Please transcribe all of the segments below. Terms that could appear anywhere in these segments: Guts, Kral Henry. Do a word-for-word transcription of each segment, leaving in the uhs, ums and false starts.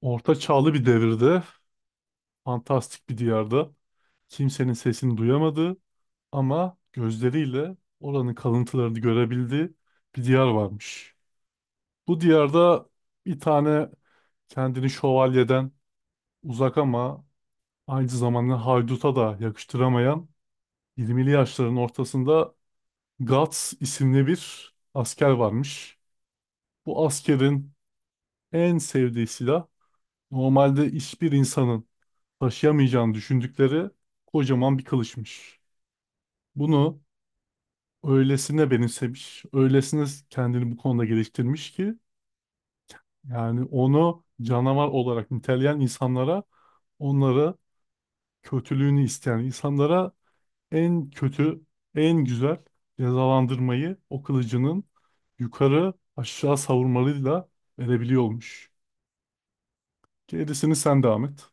Orta çağlı bir devirde, fantastik bir diyarda, kimsenin sesini duyamadığı ama gözleriyle oranın kalıntılarını görebildiği bir diyar varmış. Bu diyarda bir tane kendini şövalyeden uzak ama aynı zamanda hayduta da yakıştıramayan yirmili yaşların ortasında Guts isimli bir asker varmış. Bu askerin en sevdiği silah normalde hiçbir insanın taşıyamayacağını düşündükleri kocaman bir kılıçmış. Bunu öylesine benimsemiş, öylesine kendini bu konuda geliştirmiş ki yani onu canavar olarak niteleyen insanlara, onlara kötülüğünü isteyen insanlara en kötü, en güzel cezalandırmayı o kılıcının yukarı aşağı savurmalıyla verebiliyormuş. Gerisini sen devam et.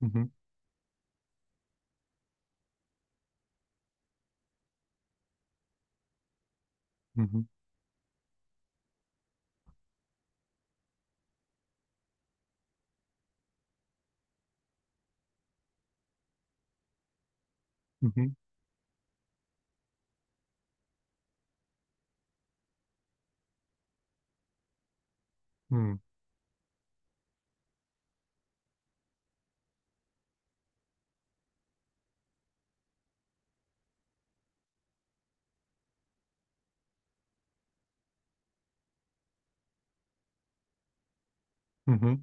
Hı hı, hı hı, hı hı, hı hı.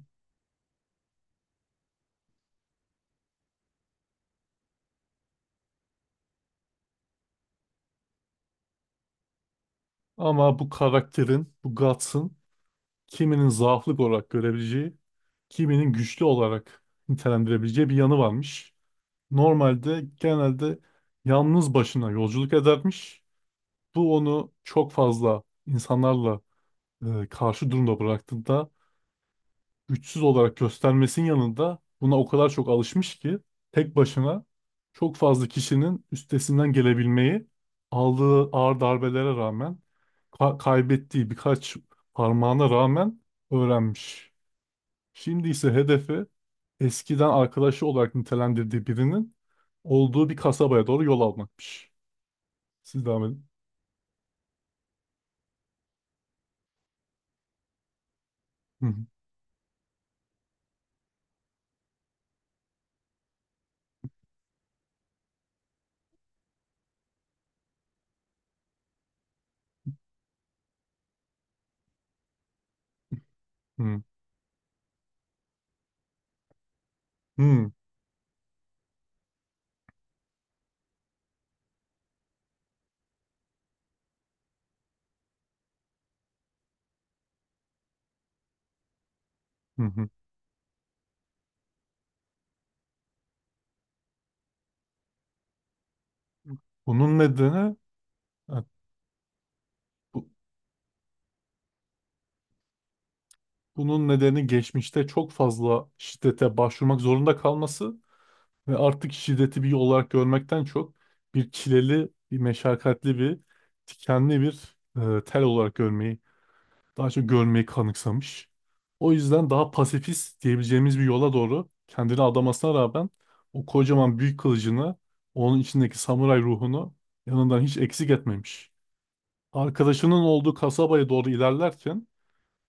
Ama bu karakterin, bu Guts'ın kiminin zaaflık olarak görebileceği, kiminin güçlü olarak nitelendirebileceği bir yanı varmış. Normalde genelde yalnız başına yolculuk edermiş. Bu onu çok fazla insanlarla e, karşı durumda bıraktığında güçsüz olarak göstermesinin yanında buna o kadar çok alışmış ki tek başına çok fazla kişinin üstesinden gelebilmeyi aldığı ağır darbelere rağmen ka- kaybettiği birkaç parmağına rağmen öğrenmiş. Şimdi ise hedefe eskiden arkadaşı olarak nitelendirdiği birinin olduğu bir kasabaya doğru yol almakmış. Siz devam edin. Hı hı hı hı hı. hı. Bunun nedeni ha, bu- Bunun nedeni geçmişte çok fazla şiddete başvurmak zorunda kalması ve artık şiddeti bir yol olarak görmekten çok bir çileli, bir meşakkatli bir, dikenli bir e, tel olarak görmeyi Daha çok görmeyi kanıksamış. O yüzden daha pasifist diyebileceğimiz bir yola doğru kendini adamasına rağmen o kocaman büyük kılıcını, onun içindeki samuray ruhunu yanından hiç eksik etmemiş. Arkadaşının olduğu kasabaya doğru ilerlerken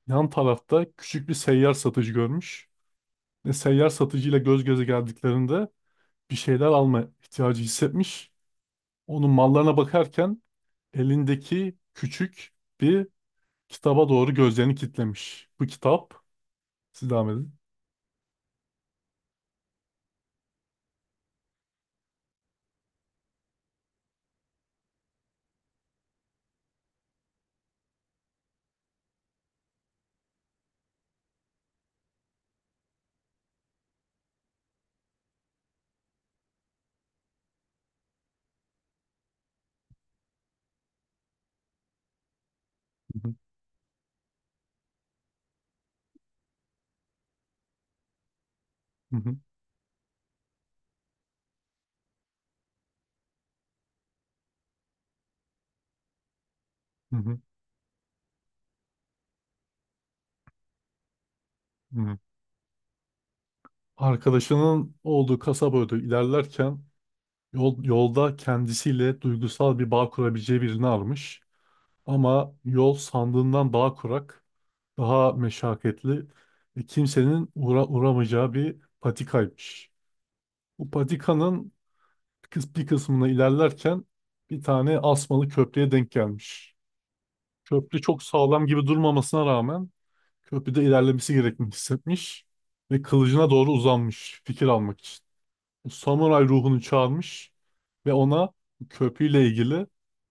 yan tarafta küçük bir seyyar satıcı görmüş ve seyyar satıcıyla göz göze geldiklerinde bir şeyler alma ihtiyacı hissetmiş. Onun mallarına bakarken elindeki küçük bir kitaba doğru gözlerini kilitlemiş. Bu kitap, siz devam edin. Hı hı, hı hı, hı hı. Arkadaşının olduğu kasaba doğru ilerlerken yol, yolda kendisiyle duygusal bir bağ kurabileceği birini almış. Ama yol sandığından daha kurak, daha meşakkatli ve kimsenin uğra uğramayacağı bir patikaymış. Bu patikanın kıs- bir kısmına ilerlerken bir tane asmalı köprüye denk gelmiş. Köprü çok sağlam gibi durmamasına rağmen Köprüde ilerlemesi gerektiğini hissetmiş ve kılıcına doğru uzanmış fikir almak için. Samuray ruhunu çağırmış ve ona köprüyle ilgili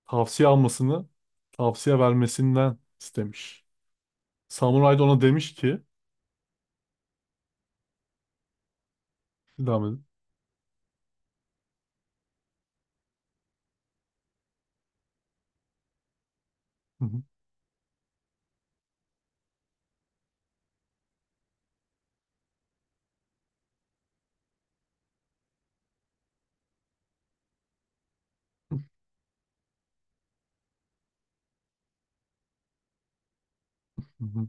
tavsiye almasını, tavsiye vermesinden istemiş. Samuray da ona demiş ki, devam edin. Hı hı, hı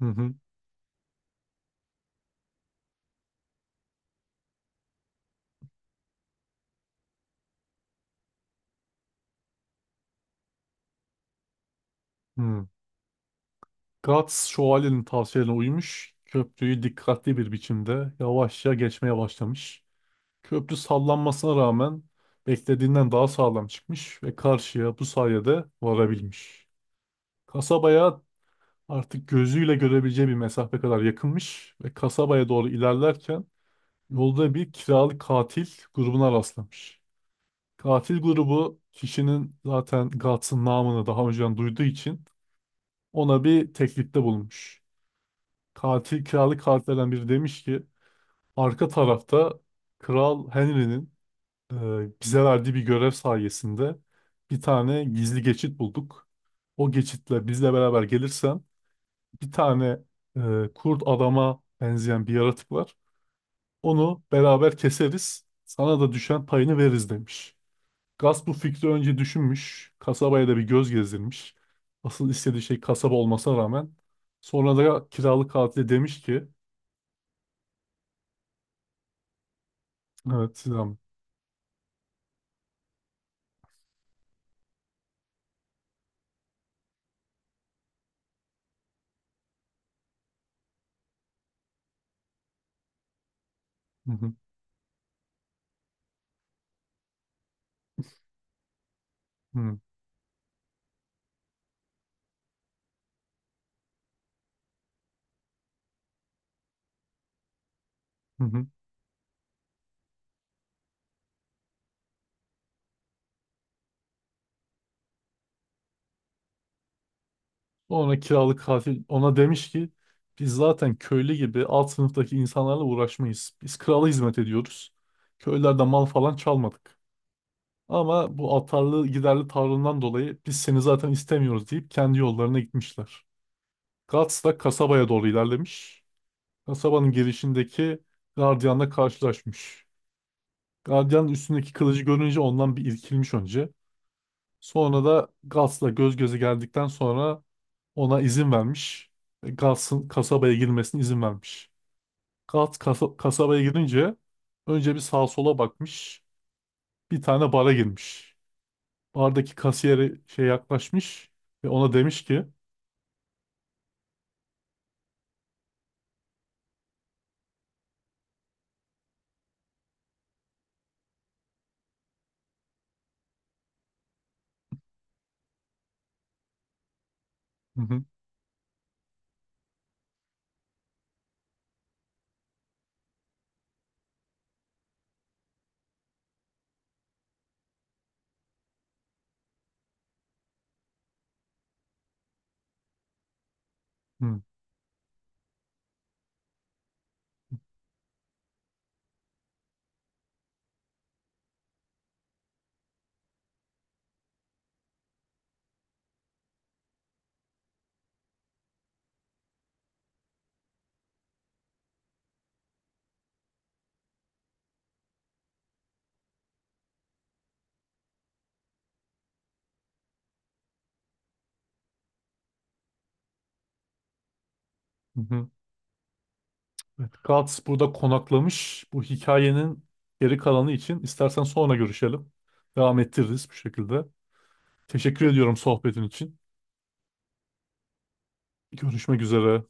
hı, hı hı. Guts şövalyenin tavsiyelerine uymuş, köprüyü dikkatli bir biçimde yavaşça geçmeye başlamış. Köprü sallanmasına rağmen beklediğinden daha sağlam çıkmış ve karşıya bu sayede varabilmiş. Kasabaya artık gözüyle görebileceği bir mesafe kadar yakınmış ve kasabaya doğru ilerlerken yolda bir kiralık katil grubuna rastlamış. Katil grubu kişinin zaten Guts'ın namını daha önceden duyduğu için ona bir teklifte bulunmuş. Katil, kiralık katillerden biri demiş ki arka tarafta Kral Henry'nin e, bize verdiği bir görev sayesinde bir tane gizli geçit bulduk. O geçitle bizle beraber gelirsen bir tane e, kurt adama benzeyen bir yaratık var. Onu beraber keseriz. Sana da düşen payını veririz demiş. Gus bu fikri önce düşünmüş. Kasabaya da bir göz gezdirmiş. Asıl istediği şey kasaba olmasına rağmen. Sonra da kiralık katile demiş ki... Evet, Sinan. Hı hı, hı hı, hı hı. Ona kiralık katil ona demiş ki biz zaten köylü gibi alt sınıftaki insanlarla uğraşmayız. Biz krala hizmet ediyoruz. Köylerde mal falan çalmadık. Ama bu atarlı giderli tavrından dolayı biz seni zaten istemiyoruz deyip kendi yollarına gitmişler. Guts da kasabaya doğru ilerlemiş. Kasabanın girişindeki gardiyanla karşılaşmış. Gardiyanın üstündeki kılıcı görünce ondan bir irkilmiş önce. Sonra da Guts'la göz göze geldikten sonra Ona izin vermiş. Ve Guts'ın kasabaya girmesine izin vermiş. Guts kasa- kasabaya girince önce bir sağa sola bakmış. Bir tane bara girmiş. Bardaki kasiyere şey yaklaşmış ve ona demiş ki... hı hı, hı, hı hı. Evet, Guts burada konaklamış. Bu hikayenin geri kalanı için istersen sonra görüşelim. Devam ettiririz bu şekilde. Teşekkür ediyorum sohbetin için. Görüşmek üzere.